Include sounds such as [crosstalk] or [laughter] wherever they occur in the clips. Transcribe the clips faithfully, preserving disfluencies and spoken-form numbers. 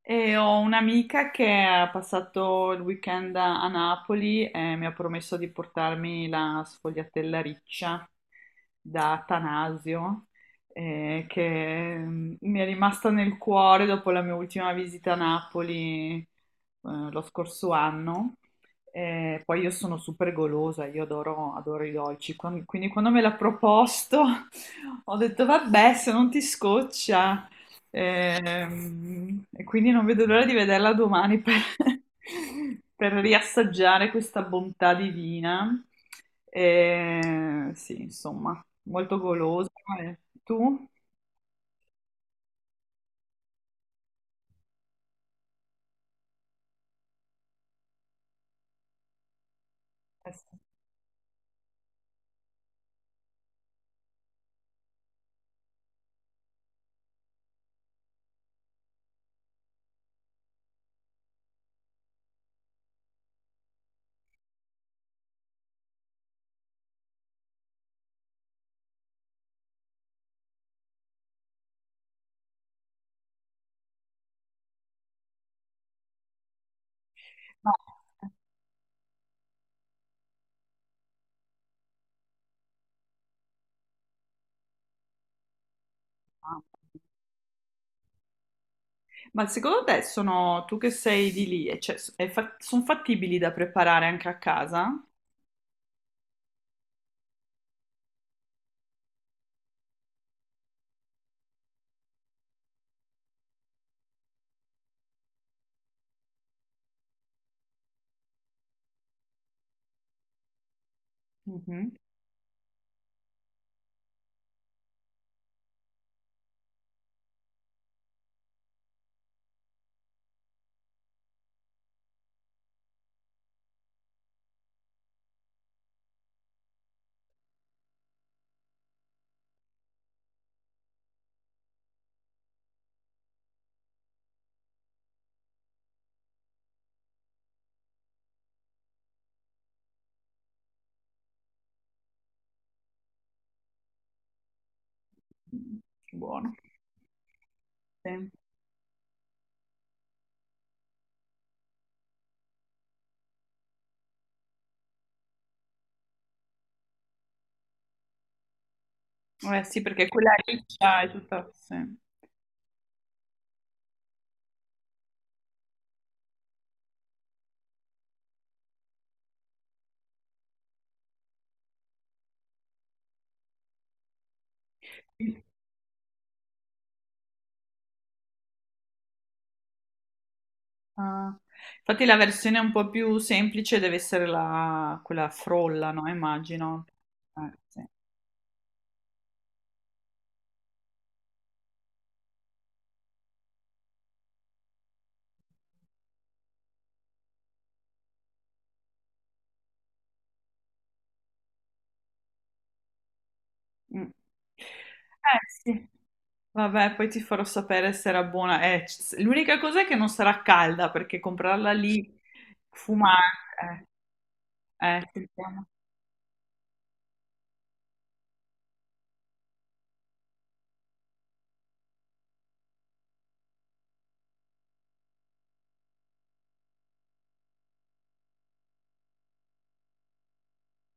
E ho un'amica che ha passato il weekend a a Napoli e mi ha promesso di portarmi la sfogliatella riccia da Atanasio, eh, che mm, mi è rimasta nel cuore dopo la mia ultima visita a Napoli, eh, lo scorso anno. E poi io sono super golosa, io adoro, adoro i dolci. Quan- quindi quando me l'ha proposto [laughs] ho detto vabbè, se non ti scoccia. Ehm, E quindi non vedo l'ora di vederla domani per, [laughs] per riassaggiare questa bontà divina. E sì, insomma, molto golosa. E tu? Eh sì. No. Ma secondo te sono tu che sei di lì, e cioè, sono fattibili da preparare anche a casa? Mhm. Buono. Sì. Eh sì, perché quella riccia è tutta, sì. Ah. Infatti la versione un po' più semplice deve essere la- quella frolla, no? Immagino. Eh, sì. Mm. Eh, sì. Vabbè, poi ti farò sapere se era buona. Eh, c- l'unica cosa è che non sarà calda perché comprarla lì fumare. Eh, eh, sentiamo.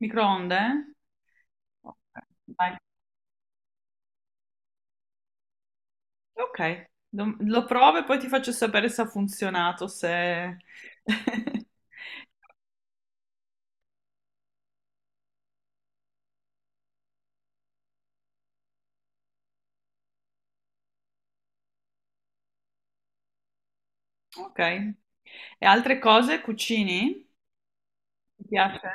Microonde? Ok, dai. Ok. Lo, lo provo e poi ti faccio sapere se ha funzionato, se... [laughs] Ok. E altre cose cucini? Ti piace?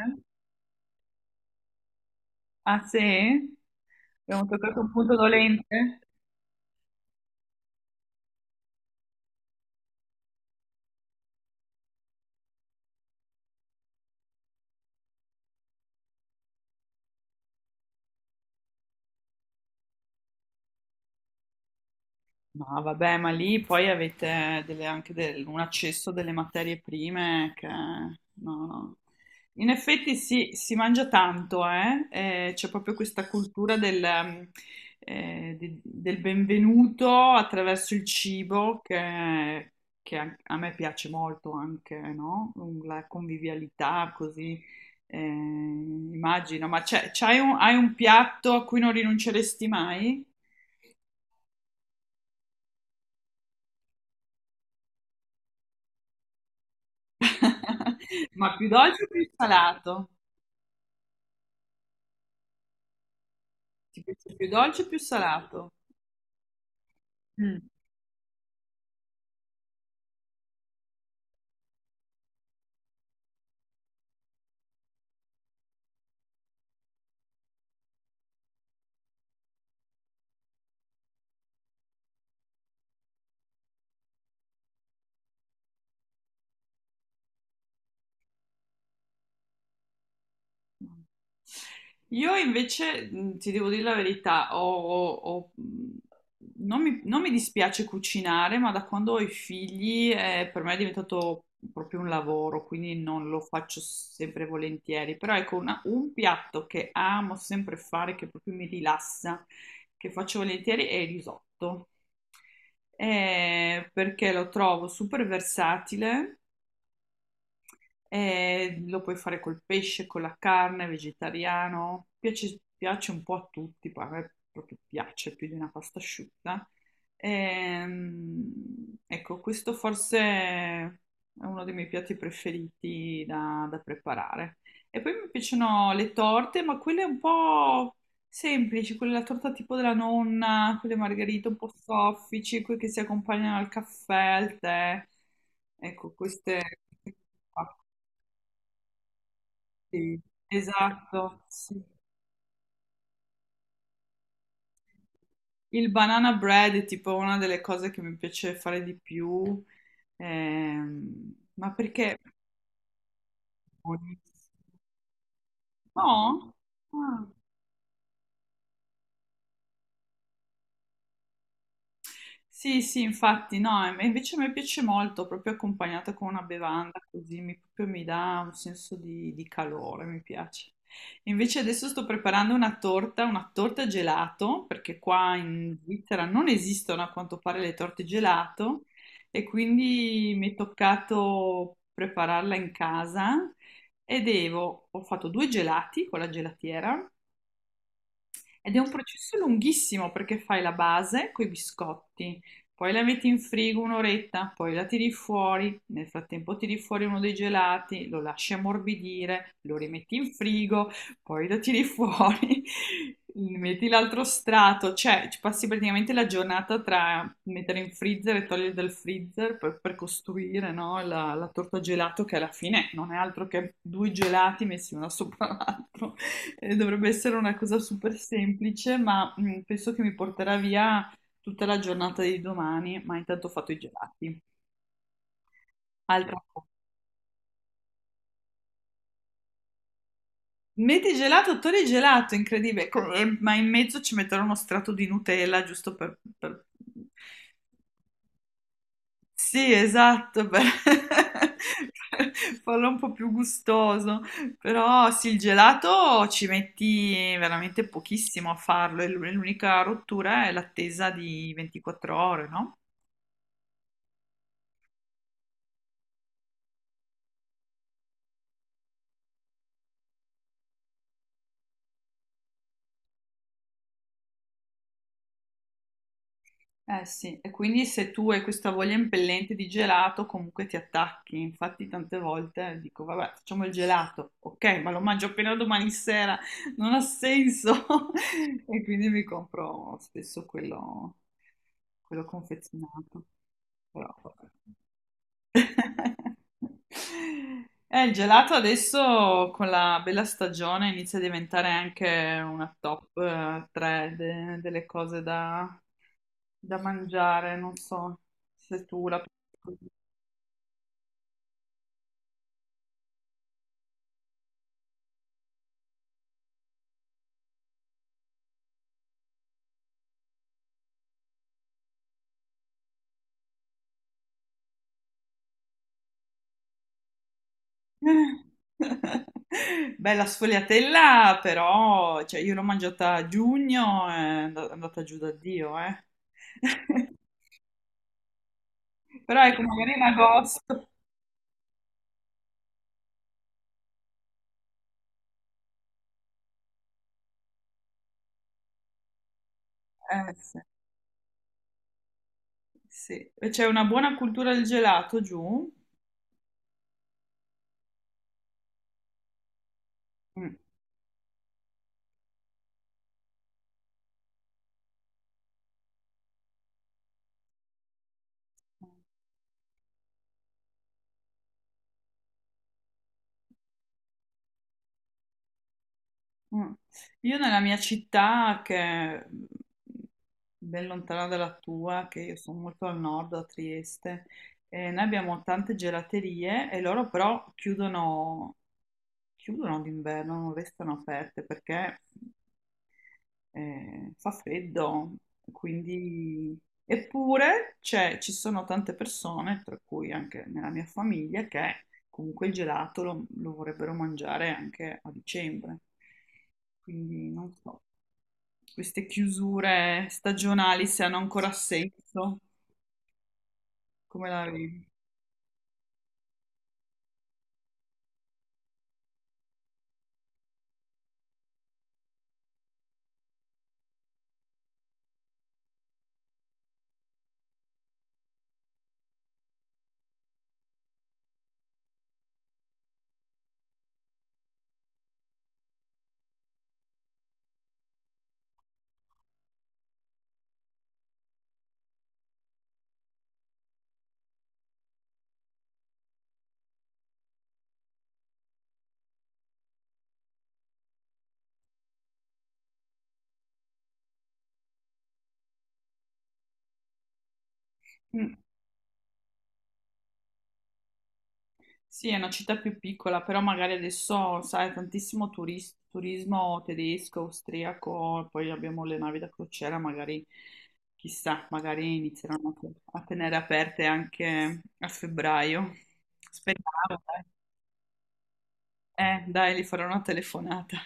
Ah, sì? Abbiamo toccato un punto dolente? No, vabbè, ma lì poi avete delle- anche del- un accesso delle materie prime che... No, no. In effetti sì, si mangia tanto, eh? Eh, c'è proprio questa cultura del, ehm, eh, di- del benvenuto attraverso il cibo che, che a, a me piace molto anche, no? La convivialità così, eh, immagino. Ma c'è- c'hai un- hai un piatto a cui non rinunceresti mai? [laughs] Ma più dolce o più salato? Ti piace più dolce o più salato? Mm. Io invece, mh, ti devo dire la verità, ho- ho- ho- mh, non mi, non mi dispiace cucinare, ma da quando ho i figli, eh, per me è diventato proprio un lavoro, quindi non lo faccio sempre e volentieri. Però ecco, una- un piatto che amo sempre fare, che proprio mi rilassa, che faccio volentieri, è il risotto. Eh, perché lo trovo super versatile eh, lo puoi fare col pesce, con la carne, vegetariano, piace, piace un po' a tutti, poi a me proprio piace più di una pasta asciutta. Ehm, ecco, questo forse è uno dei miei piatti preferiti da, da preparare. E poi mi piacciono le torte, ma quelle un po' semplici, quelle la torta tipo della nonna, quelle margherite un po' soffici, quelle che si accompagnano al caffè, al tè. Ecco, queste... Sì, esatto, sì. Il banana bread è tipo una delle cose che mi piace fare di più, ehm, ma perché? No? Ah. Sì, sì, infatti, no, e invece a me piace molto, proprio accompagnata con una bevanda, così mi, proprio mi dà un senso di, di calore, mi piace. Invece adesso sto preparando una torta, una torta, gelato, perché qua in Svizzera non esistono a quanto pare le torte gelato, e quindi mi è toccato prepararla in casa e devo, ho fatto due gelati con la gelatiera ed è un processo lunghissimo perché fai la base con i biscotti, poi la metti in frigo un'oretta, poi la tiri fuori, nel frattempo tiri fuori uno dei gelati, lo lasci ammorbidire, lo rimetti in frigo, poi lo tiri fuori, [laughs] metti l'altro strato, cioè ci passi praticamente la giornata tra mettere in freezer e togliere dal freezer per, per costruire, no, la, la torta gelato che alla fine non è altro che due gelati messi uno [laughs] sopra l'altro. Eh, Dovrebbe essere una cosa super semplice, ma mm, penso che mi porterà via tutta la giornata di domani, ma intanto ho fatto i gelati. Altra cosa. Metti gelato, togli gelato, incredibile. Co- e- ma in mezzo ci metterò uno strato di Nutella, giusto per... per... Sì, esatto, per [laughs] per farlo un po' più gustoso. Però sì, il gelato ci metti veramente pochissimo a farlo, e l'unica rottura è l'attesa di ventiquattro ore, no? Eh sì, e quindi se tu hai questa voglia impellente di gelato, comunque ti attacchi. Infatti, tante volte dico, vabbè, facciamo il gelato, ok, ma lo mangio appena domani sera, non ha senso. [laughs] E quindi mi compro spesso quello, quello confezionato. Però, vabbè. [laughs] Eh, il gelato adesso con la bella stagione inizia a diventare anche una top tre delle cose da, da mangiare, non so se tu la... Bella [laughs] sfogliatella, però cioè, io l'ho mangiata a giugno, è and- andata giù da Dio, eh. [laughs] Però ecco, magari in agosto. Eh, sì, sì. E c'è una buona cultura del gelato giù? Mm, mm. Io nella mia città, che è ben lontana dalla tua, che io sono molto al nord, a Trieste, eh, noi abbiamo tante gelaterie e loro però chiudono, chiudono d'inverno, non restano aperte perché eh, fa freddo, quindi... Eppure c'è- ci sono tante persone, tra cui anche nella mia famiglia, che comunque il gelato lo, lo vorrebbero mangiare anche a dicembre. Quindi non so, queste chiusure stagionali se hanno ancora senso, come la vedi? Mm. Sì, è una città più piccola, però magari adesso, sai, tantissimo turis- turismo tedesco, austriaco, poi abbiamo le navi da crociera, magari, chissà, magari inizieranno a te- a tenere aperte anche a febbraio. Speriamo, dai. Eh, dai, gli farò una telefonata.